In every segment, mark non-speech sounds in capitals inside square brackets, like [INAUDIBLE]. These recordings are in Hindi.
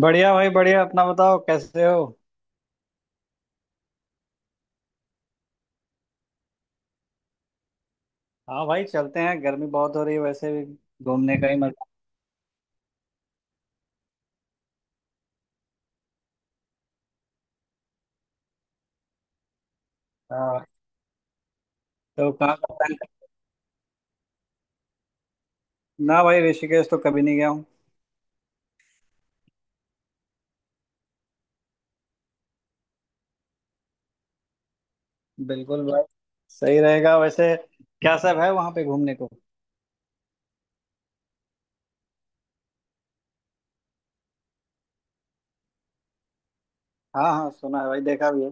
बढ़िया भाई बढ़िया। अपना बताओ, कैसे हो। हाँ भाई, चलते हैं। गर्मी बहुत हो रही है वैसे भी। घूमने का ही मजा। हाँ। तो कहाँ का plan कर- ना भाई, ऋषिकेश तो कभी नहीं गया हूँ। बिल्कुल भाई। सही रहेगा वैसे। क्या सब है वहाँ पे घूमने को। हाँ हाँ, सुना है भाई, देखा भी है।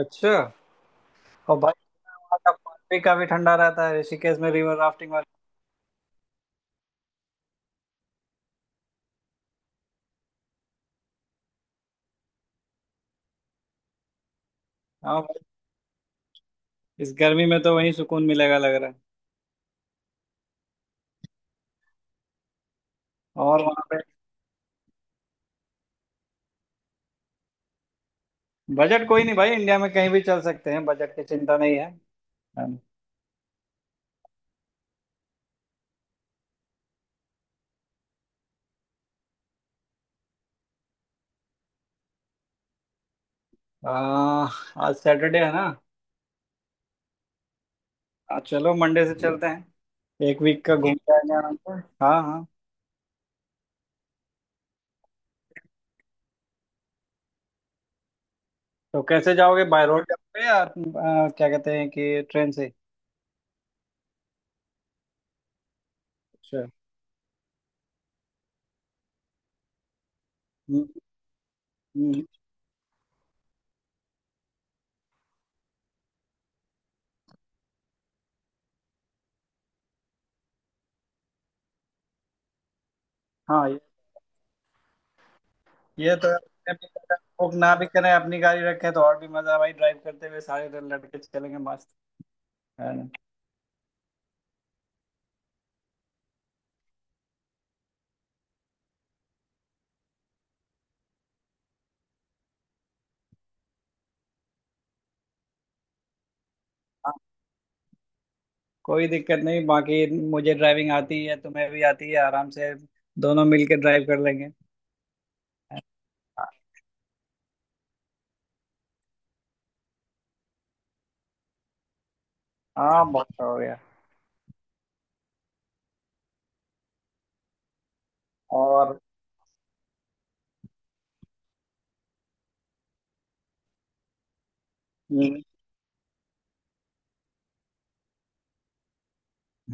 अच्छा। और भाई, वहाँ का पानी भी काफी ठंडा रहता है ऋषिकेश में, रिवर राफ्टिंग वाला। हाँ भाई। इस गर्मी में तो वहीं सुकून मिलेगा लग रहा है। और वहाँ पे बजट कोई नहीं भाई, इंडिया में कहीं भी चल सकते हैं, बजट की चिंता नहीं है। हाँ। आ, आज सैटरडे है ना। हाँ चलो, मंडे से चलते हैं। एक वीक का घूम ठीक के आएंगे आराम से। हाँ हाँ। तो कैसे जाओगे, बाय रोड जाओगे या क्या कहते हैं, कि ट्रेन से। अच्छा। हम्म। हम्म। हाँ ये तो बुक ना भी करें, अपनी गाड़ी रखें तो और भी मजा है भाई, ड्राइव करते हुए सारे दिन लड़के चलेंगे मस्त। है ना। हाँ, कोई दिक्कत नहीं, बाकी मुझे ड्राइविंग आती है, तुम्हें भी आती है, आराम से दोनों मिलके ड्राइव कर लेंगे। हाँ बहुत हो गया। और। हम्म।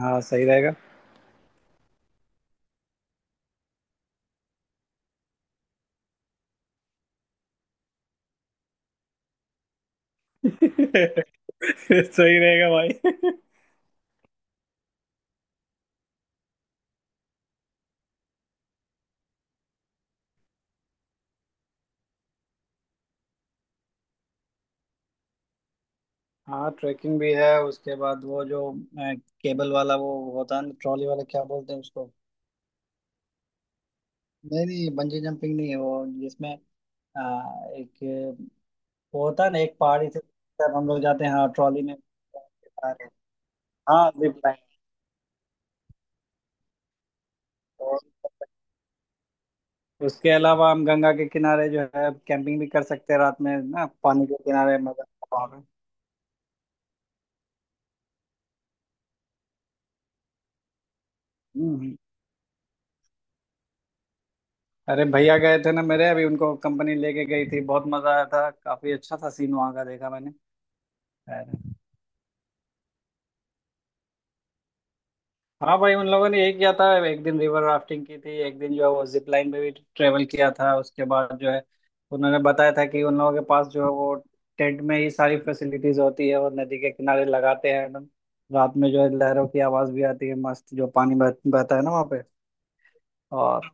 हाँ सही रहेगा। [LAUGHS] सही रहेगा भाई। हाँ ट्रैकिंग भी है। उसके बाद वो जो केबल वाला वो होता है ना, ट्रॉली वाला, क्या बोलते हैं उसको। नहीं नहीं, बंजी जंपिंग नहीं है, वो जिसमें एक वो होता है ना, एक पहाड़ी से तब हम लोग जाते हैं, हाँ ट्रॉली में। सारे। हाँ, जिप लाइन। उसके अलावा हम गंगा के किनारे जो है कैंपिंग भी कर सकते हैं रात में ना, पानी के किनारे मजा आता है। हम्म। अरे भैया गए थे ना मेरे, अभी उनको कंपनी लेके गई थी, बहुत मजा आया था, काफी अच्छा था, सीन वहाँ का देखा मैंने। अरे। हाँ भाई, उन लोगों ने यही किया था, एक दिन रिवर राफ्टिंग की थी, एक दिन जो है वो जिप लाइन पे भी ट्रेवल किया था। उसके बाद जो है उन्होंने बताया था कि उन लोगों के पास जो है वो टेंट में ही सारी फैसिलिटीज होती है, वो नदी के किनारे लगाते हैं एकदम। रात में जो है लहरों की आवाज भी आती है मस्त, जो पानी बहता है ना वहाँ पे। और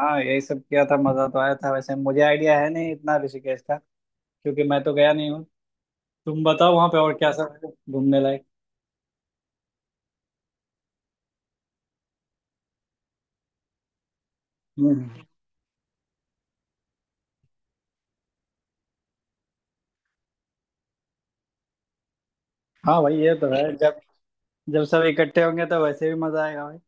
हाँ यही सब किया था, मजा तो आया था, वैसे मुझे आइडिया है नहीं इतना ऋषिकेश का, क्योंकि मैं तो गया नहीं हूँ। तुम बताओ वहाँ पे और क्या सब है घूमने लायक। हम्म। हाँ भाई ये तो है, जब जब सब इकट्ठे होंगे तो वैसे भी मजा आएगा भाई।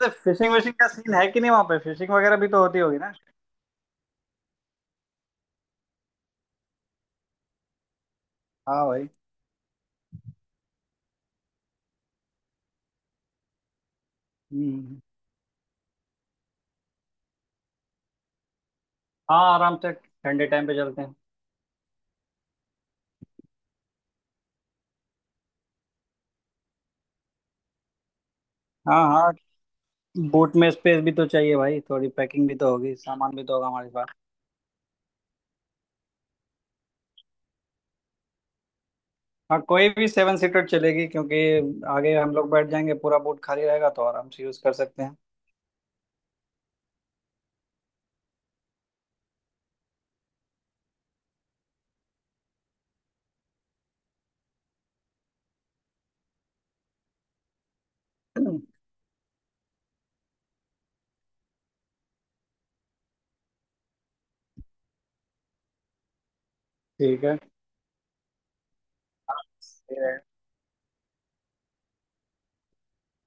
तो फिशिंग विशिंग का सीन है कि नहीं वहाँ पे, फिशिंग वगैरह भी तो होती होगी ना। हाँ भाई। हम्म। हाँ, आराम से ठंडे टाइम पे चलते हैं। हाँ हाँ। बोट में स्पेस भी तो चाहिए भाई, थोड़ी पैकिंग भी तो होगी, सामान भी तो होगा हमारे पास। हाँ, कोई भी 7 सीटर चलेगी, क्योंकि आगे हम लोग बैठ जाएंगे, पूरा बोट खाली रहेगा तो आराम से यूज कर सकते हैं। ठीक है।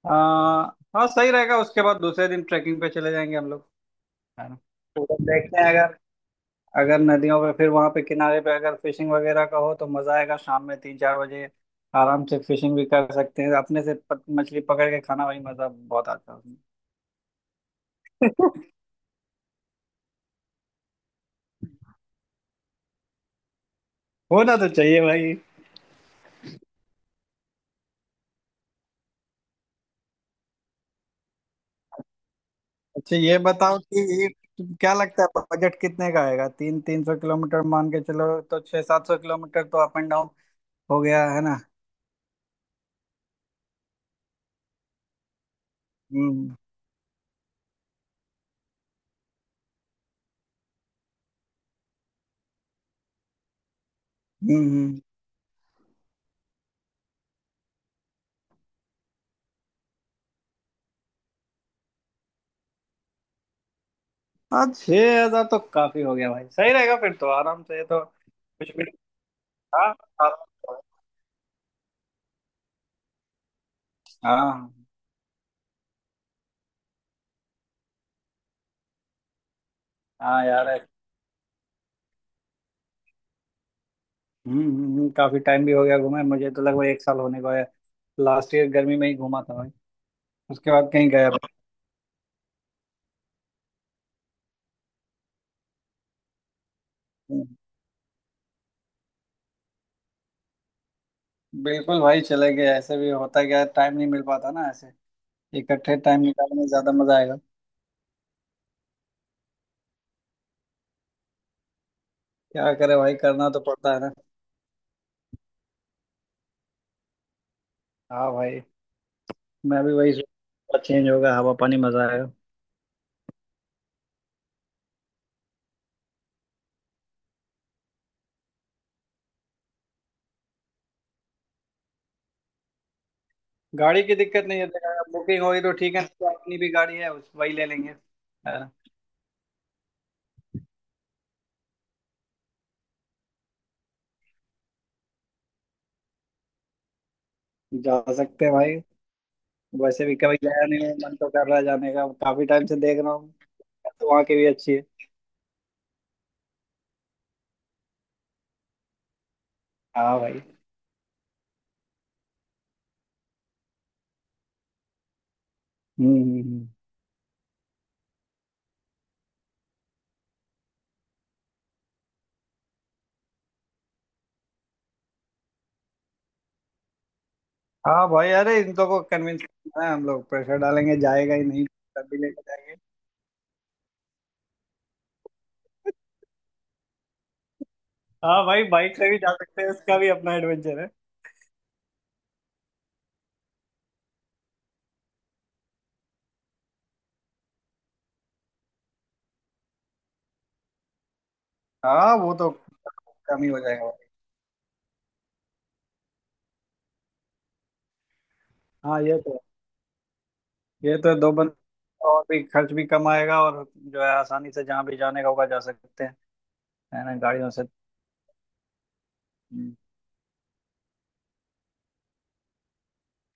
हाँ हाँ, सही रहेगा। उसके बाद दूसरे दिन ट्रैकिंग पे चले जाएंगे हम लोग। है ना। तो उधर देखते हैं, अगर अगर नदियों पे फिर वहाँ पे किनारे पे अगर फिशिंग वगैरह का हो तो मजा आएगा। शाम में 3-4 बजे आराम से फिशिंग भी कर सकते हैं, अपने से मछली पकड़ के खाना भाई, मजा बहुत आता है उसमें। [LAUGHS] होना तो चाहिए भाई। अच्छा ये बताओ कि ये क्या लगता है बजट कितने का आएगा। 300-300 किलोमीटर मान के चलो, तो 600-700 किलोमीटर तो अप एंड डाउन हो गया है ना। हम्म हम्म। हम्म। हाँ, 6,000 तो काफी हो गया भाई, सही रहेगा फिर तो, आराम से, ये तो कुछ भी। हाँ हाँ। हाँ। हाँ यार। काफी टाइम भी हो गया घूमे, मुझे तो लगभग एक साल होने को है, लास्ट ईयर गर्मी में ही घूमा था भाई, उसके बाद कहीं गया भी नहीं। बिल्कुल भाई चले गए, ऐसे भी होता क्या है, टाइम नहीं मिल पाता ना ऐसे, इकट्ठे टाइम निकालने में ज्यादा मजा आएगा। क्या करे भाई, करना तो पड़ता है ना। हाँ भाई। मैं भी वही सोच, चेंज होगा हवा पानी, मजा आएगा। गाड़ी की दिक्कत नहीं है, अगर बुकिंग होगी तो ठीक है, नहीं तो अपनी भी गाड़ी है उस वही ले लेंगे। हाँ। जा सकते हैं भाई। वैसे भी कभी गया नहीं हूँ, मन तो कर रहा है जाने का, काफी टाइम से देख रहा हूँ, तो वहाँ की भी अच्छी है। हाँ भाई। हम्म हम्म, हम्म। हाँ भाई, अरे इन लोगों को कन्विंस करना है, हम लोग प्रेशर डालेंगे, जाएगा ही नहीं, तभी लेके जाएंगे। हाँ भाई, बाइक से भी जा सकते हैं, उसका भी अपना एडवेंचर है। हाँ वो तो कम ही हो जाएगा भाई। हाँ ये तो, ये तो दो बंदे और, भी खर्च भी कम आएगा, और जो है आसानी से जहाँ भी जाने का होगा जा सकते हैं। है ना गाड़ियों से। हम्म,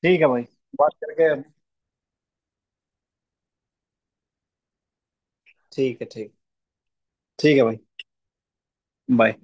ठीक है भाई, बात करके। ठीक है, ठीक। ठीक है भाई। बाय।